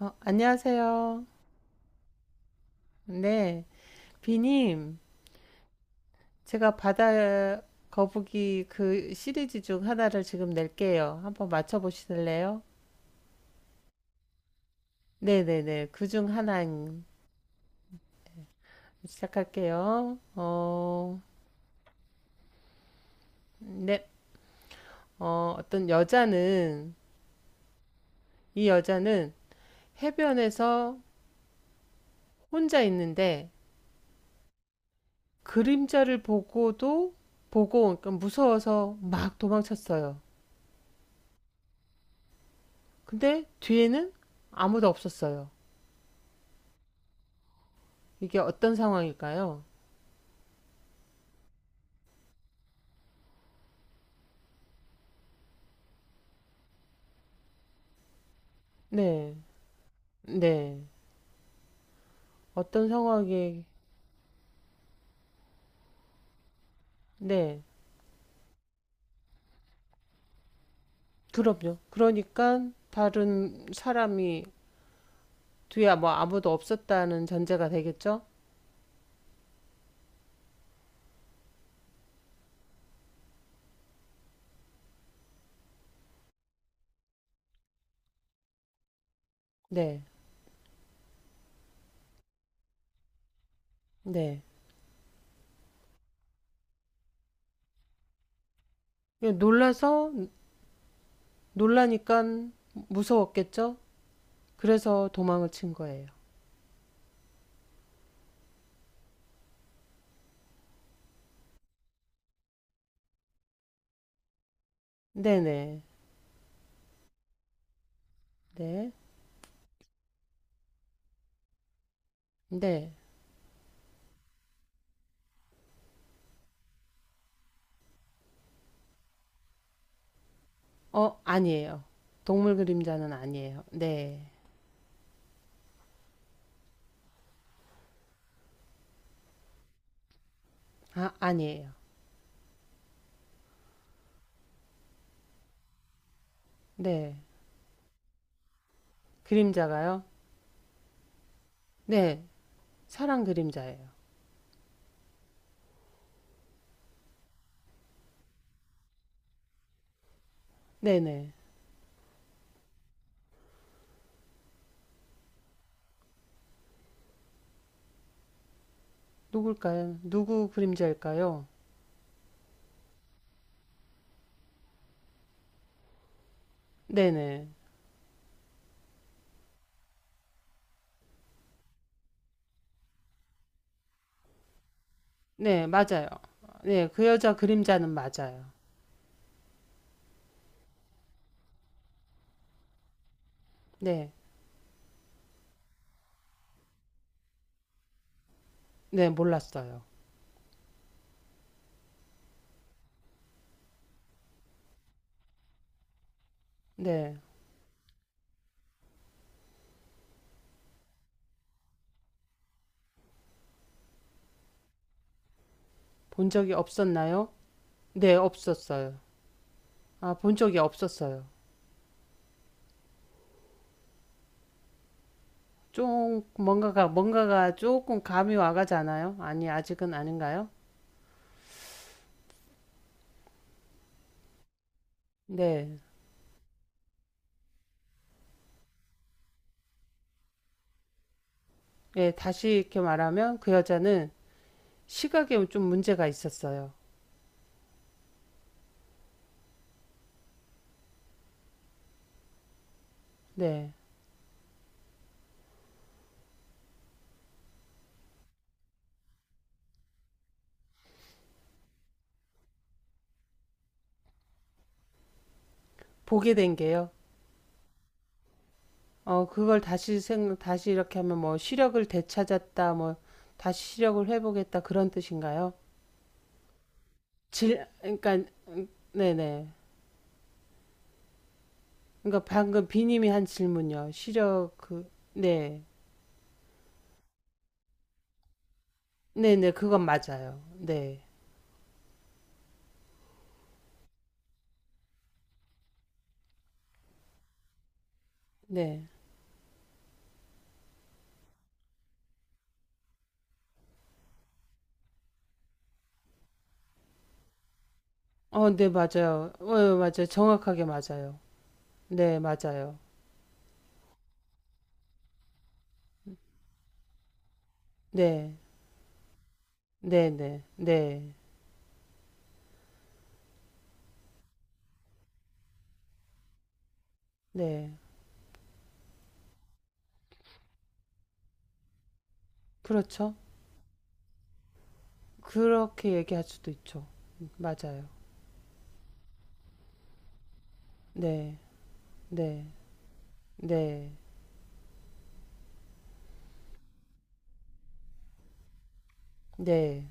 안녕하세요. 네, 비님, 제가 바다 거북이 그 시리즈 중 하나를 지금 낼게요. 한번 맞춰보실래요? 네네네, 그 중 하나 시작할게요. 네, 어떤 여자는, 이 여자는 해변에서 혼자 있는데 그림자를 보고, 그러니까 무서워서 막 도망쳤어요. 근데 뒤에는 아무도 없었어요. 이게 어떤 상황일까요? 네, 네. 어떤 상황에, 네, 그럼요. 그러니까 다른 사람이 뒤에 뭐 아무도 없었다는 전제가 되겠죠? 네, 네. 예, 놀라니까 무서웠겠죠? 그래서 도망을 친 거예요. 네네, 네, 네. 네. 아니에요. 동물 그림자는 아니에요. 네, 아니에요. 네. 그림자가요? 네, 사랑 그림자예요. 네네. 누굴까요? 누구 그림자일까요? 네네. 네, 맞아요. 네, 그 여자 그림자는 맞아요. 네, 네, 몰랐어요. 네, 본 적이 없었나요? 네, 없었어요. 본 적이 없었어요. 좀, 뭔가가 조금 감이 와가잖아요? 아니, 아직은 아닌가요? 네, 예, 다시 이렇게 말하면 그 여자는 시각에 좀 문제가 있었어요. 네, 보게 된 게요. 그걸 다시 이렇게 하면 뭐 시력을 되찾았다, 뭐 다시 시력을 회복했다 그런 뜻인가요? 그러니까 네네. 그러니까 방금 비님이 한 질문요. 시력 네, 네네, 그건 맞아요. 네, 네. 네 맞아요. 맞아요. 정확하게 맞아요. 네, 맞아요. 네, 네, 네, 네, 네. 그렇죠. 그렇게 얘기할 수도 있죠. 맞아요. 네, 네, 네, 네.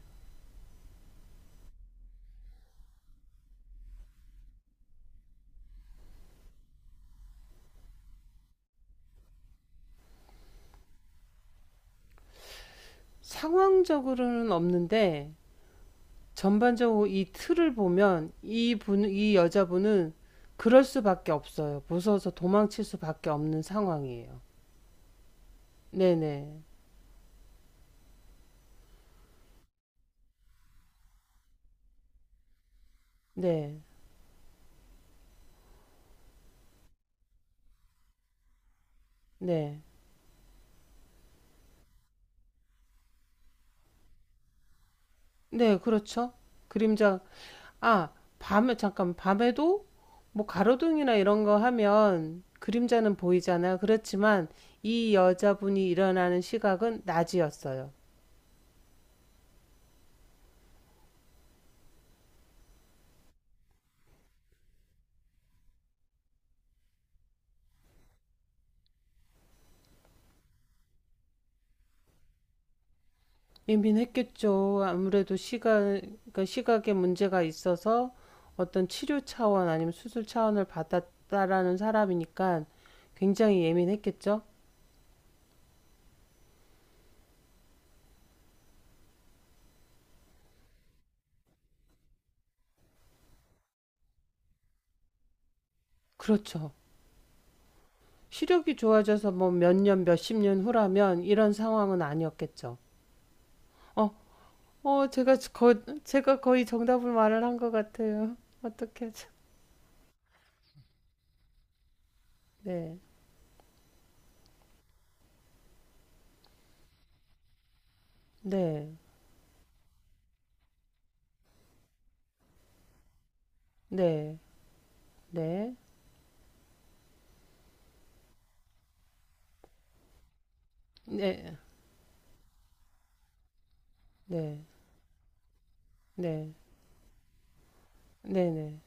상황적으로는 없는데 전반적으로 이 틀을 보면 이분 이 여자분은 그럴 수밖에 없어요. 무서워서 도망칠 수밖에 없는 상황이에요. 네네. 네. 네. 네, 그렇죠. 그림자 아, 밤에도 뭐 가로등이나 이런 거 하면 그림자는 보이잖아요. 그렇지만 이 여자분이 일어나는 시각은 낮이었어요. 예민했겠죠. 아무래도 그러니까 시각에 문제가 있어서 어떤 치료 차원 아니면 수술 차원을 받았다라는 사람이니까 굉장히 예민했겠죠. 그렇죠. 시력이 좋아져서 뭐 몇 년, 몇 십 년 후라면 이런 상황은 아니었겠죠. 어, 제가 거의 정답을 말을 한 것 같아요. 어떻게 하죠? 네, 네, 네, 네, 네, 네, 네, 네, 네.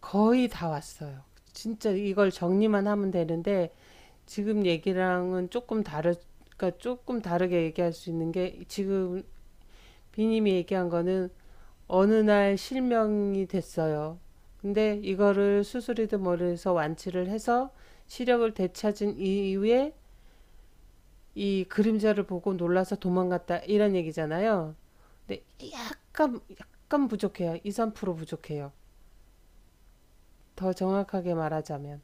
거의 다 왔어요. 진짜 이걸 정리만 하면 되는데 지금 얘기랑은 그러니까 조금 다르게 얘기할 수 있는 게 지금 비님이 얘기한 거는 어느 날 실명이 됐어요. 근데 이거를 수술이든 뭐를 해서 완치를 해서 시력을 되찾은 이후에 이 그림자를 보고 놀라서 도망갔다 이런 얘기잖아요. 근데 약간 부족해요. 2, 3% 부족해요. 더 정확하게 말하자면.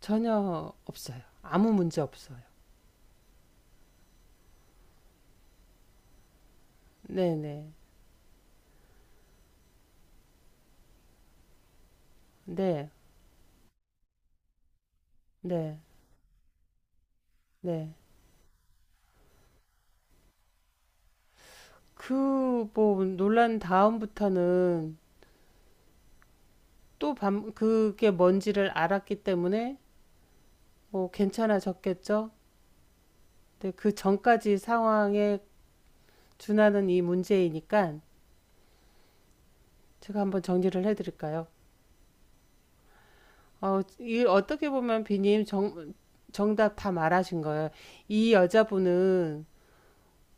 전혀 없어요. 아무 문제 없어요. 네네. 네. 네. 네. 네. 그 뭐 논란 다음부터는 그게 뭔지를 알았기 때문에 뭐 괜찮아졌겠죠. 근데 그 전까지 상황에 준하는 이 문제이니까 제가 한번 정리를 해드릴까요? 어, 이 어떻게 보면 비님 정답 다 말하신 거예요. 이 여자분은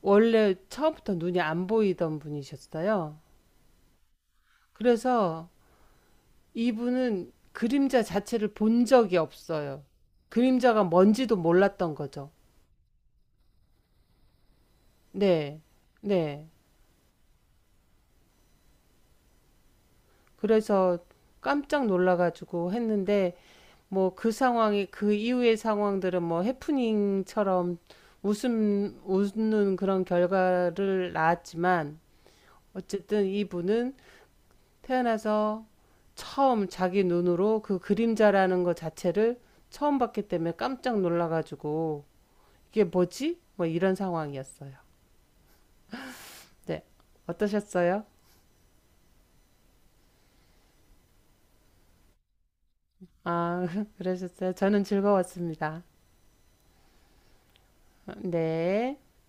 원래 처음부터 눈이 안 보이던 분이셨어요. 그래서 이분은 그림자 자체를 본 적이 없어요. 그림자가 뭔지도 몰랐던 거죠. 네, 네. 그래서 깜짝 놀라가지고 했는데, 뭐 그 상황이, 그 이후의 상황들은 뭐 해프닝처럼 웃는 그런 결과를 낳았지만, 어쨌든 이분은 태어나서 처음 자기 눈으로 그 그림자라는 것 자체를 처음 봤기 때문에 깜짝 놀라가지고, 이게 뭐지? 뭐 이런 상황이었어요. 네. 어떠셨어요? 아, 그러셨어요? 저는 즐거웠습니다. 네.